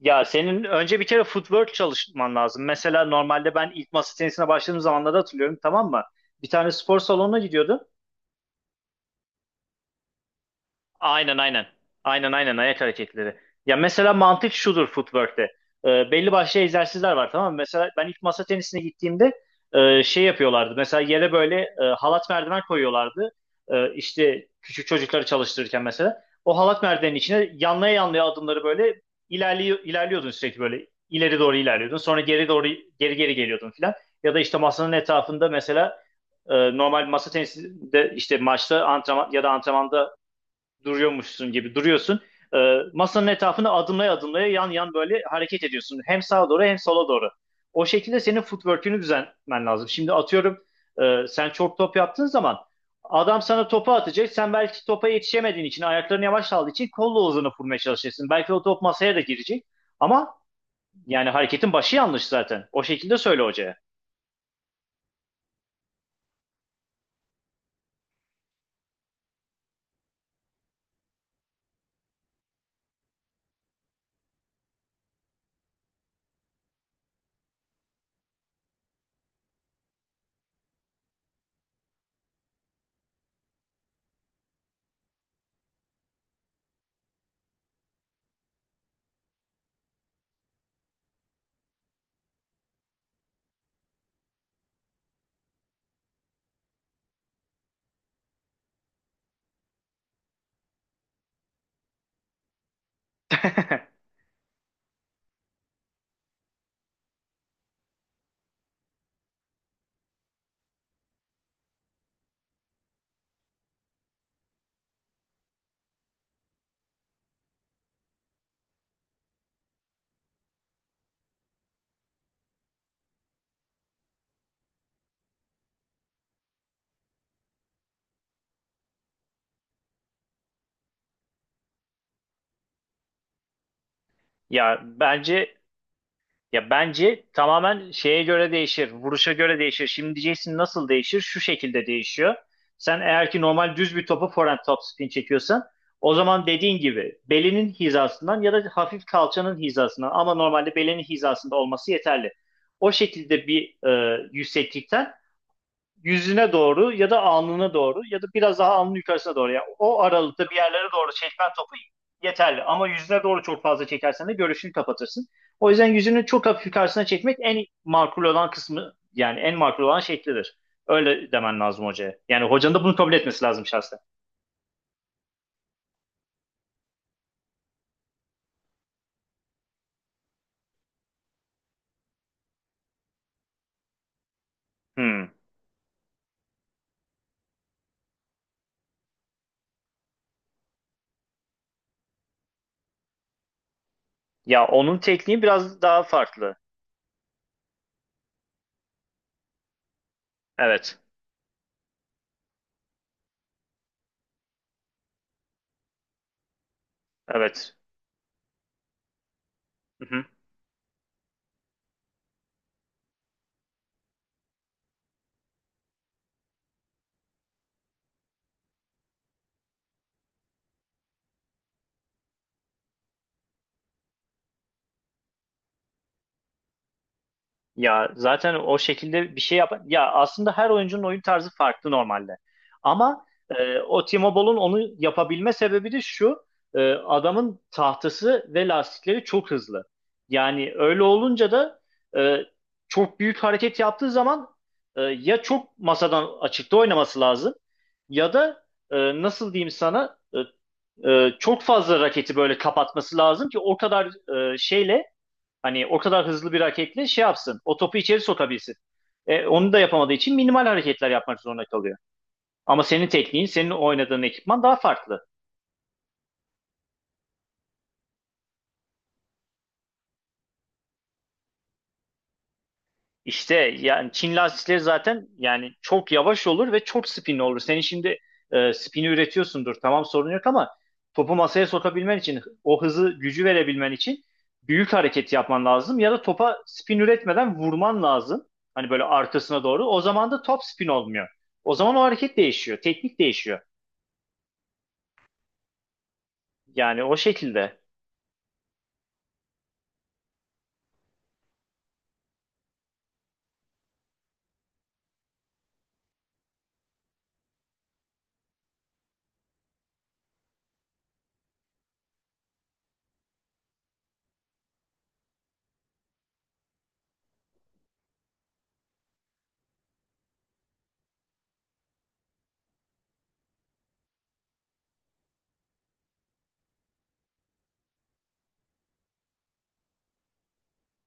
Ya senin önce bir kere footwork çalışman lazım. Mesela normalde ben ilk masa tenisine başladığım zamanları hatırlıyorum, tamam mı? Bir tane spor salonuna gidiyordum. Aynen aynen. Aynen aynen ayak hareketleri. Ya mesela mantık şudur footwork'te. Belli başlı egzersizler var, tamam mı? Mesela ben ilk masa tenisine gittiğimde şey yapıyorlardı. Mesela yere böyle halat merdiven koyuyorlardı. İşte küçük çocukları çalıştırırken mesela. O halat merdivenin içine yanlaya yanlaya adımları böyle ilerliyordun sürekli böyle. İleri doğru ilerliyordun. Sonra geri doğru geri geliyordun filan. Ya da işte masanın etrafında mesela normal masa tenisinde işte maçta antrenman ya da antrenmanda duruyormuşsun gibi duruyorsun. Masanın etrafını adımlaya adımlaya yan yan böyle hareket ediyorsun. Hem sağa doğru hem sola doğru. O şekilde senin footwork'ünü düzenlemen lazım. Şimdi atıyorum, sen çok top yaptığın zaman adam sana topu atacak. Sen belki topa yetişemediğin için, ayaklarını yavaş aldığı için kolla uzunu vurmaya çalışırsın. Belki o top masaya da girecek. Ama yani hareketin başı yanlış zaten. O şekilde söyle hocaya. Ya bence Ya bence tamamen şeye göre değişir, vuruşa göre değişir. Şimdi diyeceksin nasıl değişir? Şu şekilde değişiyor. Sen eğer ki normal düz bir topu forehand topspin çekiyorsan, o zaman dediğin gibi belinin hizasından ya da hafif kalçanın hizasından, ama normalde belinin hizasında olması yeterli. O şekilde bir yükseklikten yüzüne doğru ya da alnına doğru ya da biraz daha alnın yukarısına doğru. Yani o aralıkta bir yerlere doğru çekmen topu yeterli. Ama yüzüne doğru çok fazla çekersen de görüşünü kapatırsın. O yüzden yüzünü çok hafif yukarısına çekmek en makul olan kısmı, yani en makul olan şeklidir. Öyle demen lazım hocaya. Yani hocanın da bunu kabul etmesi lazım şahsen. Hmm. Ya onun tekniği biraz daha farklı. Evet. Evet. Hı hı. Ya zaten o şekilde bir şey yap. Ya aslında her oyuncunun oyun tarzı farklı normalde. Ama o Timo Boll'un onu yapabilme sebebi de şu. Adamın tahtası ve lastikleri çok hızlı. Yani öyle olunca da e, çok büyük hareket yaptığı zaman, ya çok masadan açıkta oynaması lazım ya da nasıl diyeyim sana, çok fazla raketi böyle kapatması lazım ki o kadar e, şeyle hani o kadar hızlı bir hareketle şey yapsın. O topu içeri sokabilsin. Onu da yapamadığı için minimal hareketler yapmak zorunda kalıyor. Ama senin tekniğin, senin oynadığın ekipman daha farklı. İşte yani Çin lastikleri zaten yani çok yavaş olur ve çok spinli olur. Senin şimdi spini üretiyorsundur. Tamam, sorun yok, ama topu masaya sokabilmen için, o hızı, gücü verebilmen için büyük hareket yapman lazım ya da topa spin üretmeden vurman lazım. Hani böyle arkasına doğru. O zaman da top spin olmuyor. O zaman o hareket değişiyor, teknik değişiyor. Yani o şekilde.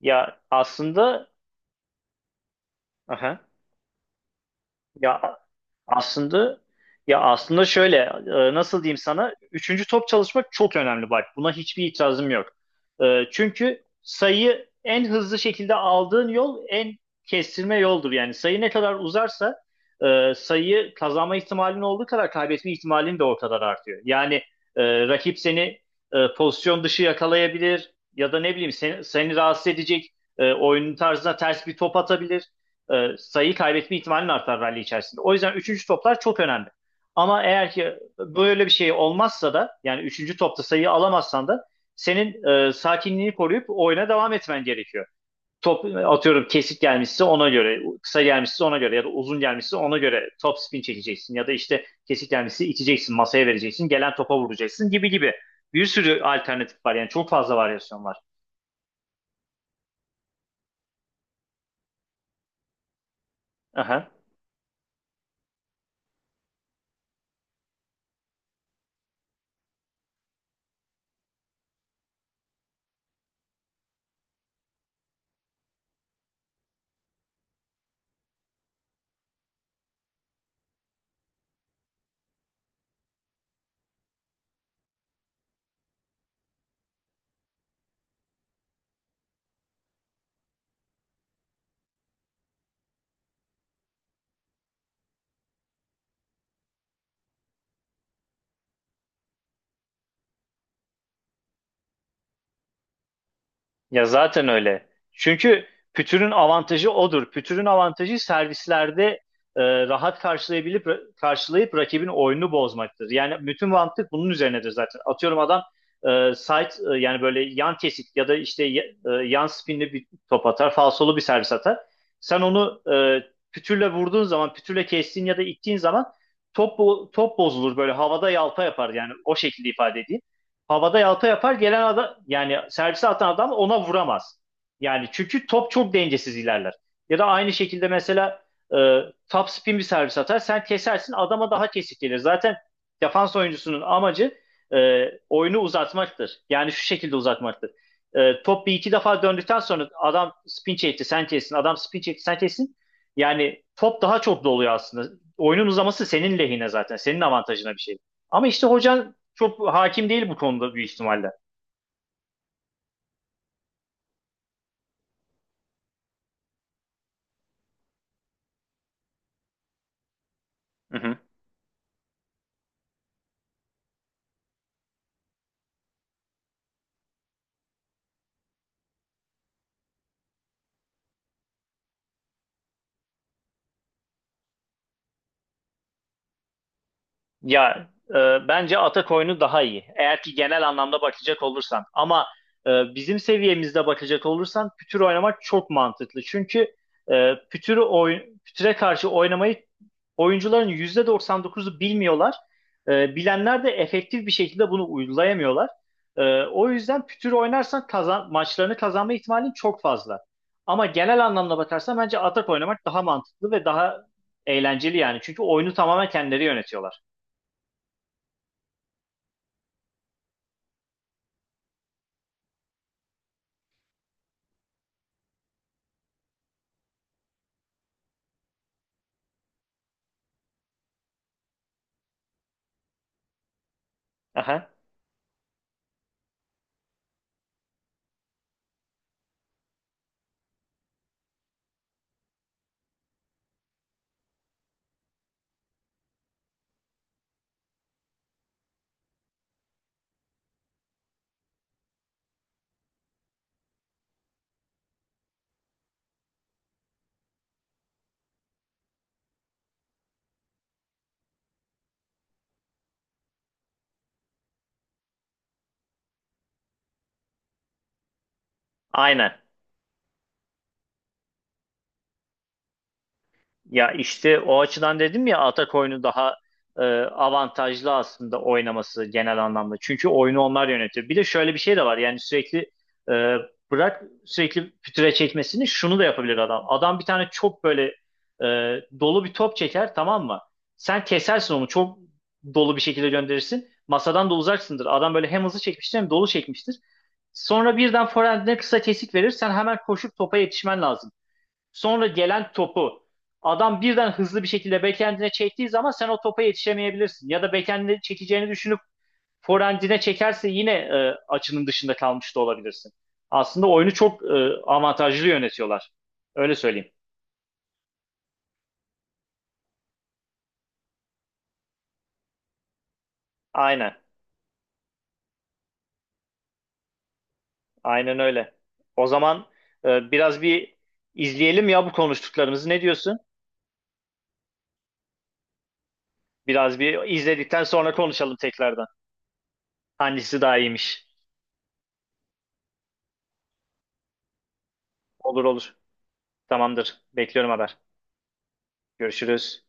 Ya aslında, aha. Ya Aslında ya aslında şöyle, nasıl diyeyim sana, üçüncü top çalışmak çok önemli, bak buna hiçbir itirazım yok. Çünkü sayıyı en hızlı şekilde aldığın yol en kestirme yoldur. Yani sayı ne kadar uzarsa sayı kazanma ihtimalin olduğu kadar kaybetme ihtimalin de o kadar artıyor. Yani rakip seni pozisyon dışı yakalayabilir ya da ne bileyim, seni rahatsız edecek, oyunun tarzına ters bir top atabilir, sayı kaybetme ihtimalin artar rally içerisinde. O yüzden üçüncü toplar çok önemli. Ama eğer ki böyle bir şey olmazsa da, yani üçüncü topta sayı alamazsan da senin sakinliğini koruyup oyuna devam etmen gerekiyor. Top atıyorum, kesik gelmişse ona göre, kısa gelmişse ona göre ya da uzun gelmişse ona göre top spin çekeceksin ya da işte kesik gelmişse iteceksin, masaya vereceksin, gelen topa vuracaksın gibi gibi. Bir sürü alternatif var yani, çok fazla varyasyon var. Aha. Ya zaten öyle. Çünkü pütürün avantajı odur. Pütürün avantajı servislerde e, rahat karşılayıp rakibin oyunu bozmaktır. Yani bütün mantık bunun üzerinedir zaten. Atıyorum adam yani böyle yan kesik ya da işte yan spinli bir top atar, falsolu bir servis atar. Sen onu pütürle vurduğun zaman, pütürle kestiğin ya da ittiğin zaman top bozulur, böyle havada yalpa yapar, yani o şekilde ifade edeyim, havada yalpa yapar, gelen adam yani servise atan adam ona vuramaz. Yani çünkü top çok dengesiz ilerler. Ya da aynı şekilde mesela e, top spin bir servis atar, sen kesersin, adama daha kesik gelir. Zaten defans oyuncusunun amacı e, oyunu uzatmaktır. Yani şu şekilde uzatmaktır. Top bir iki defa döndükten sonra adam spin çekti sen kessin, adam spin çekti sen kessin. Yani top daha çok doluyor aslında. Oyunun uzaması senin lehine zaten. Senin avantajına bir şey. Ama işte hocan çok hakim değil bu konuda büyük ihtimalle. Hı hı. Ya bence atak oyunu daha iyi, eğer ki genel anlamda bakacak olursan. Ama bizim seviyemizde bakacak olursan pütür oynamak çok mantıklı. Çünkü pütüre karşı oynamayı oyuncuların %99'u bilmiyorlar. Bilenler de efektif bir şekilde bunu uygulayamıyorlar. O yüzden pütür oynarsan maçlarını kazanma ihtimalin çok fazla. Ama genel anlamda bakarsan bence atak oynamak daha mantıklı ve daha eğlenceli, yani. Çünkü oyunu tamamen kendileri yönetiyorlar. Aha. Aynen. Ya işte o açıdan dedim ya, atak oyunu daha avantajlı aslında oynaması genel anlamda. Çünkü oyunu onlar yönetiyor. Bir de şöyle bir şey de var. Yani sürekli e, bırak sürekli pütüre çekmesini, şunu da yapabilir adam. Adam bir tane çok böyle e, dolu bir top çeker, tamam mı? Sen kesersin onu çok dolu bir şekilde gönderirsin. Masadan da uzaksındır. Adam böyle hem hızlı çekmiştir hem dolu çekmiştir. Sonra birden forehand'ine kısa kesik verir. Sen hemen koşup topa yetişmen lazım. Sonra gelen topu adam birden hızlı bir şekilde backhand'ine çektiği zaman sen o topa yetişemeyebilirsin. Ya da backhand'ine çekeceğini düşünüp forehand'ine çekerse yine açının dışında kalmış da olabilirsin. Aslında oyunu çok avantajlı yönetiyorlar. Öyle söyleyeyim. Aynen. Aynen öyle. O zaman biraz bir izleyelim ya bu konuştuklarımızı. Ne diyorsun? Biraz bir izledikten sonra konuşalım tekrardan. Hangisi daha iyiymiş? Olur olur. Tamamdır. Bekliyorum haber. Görüşürüz.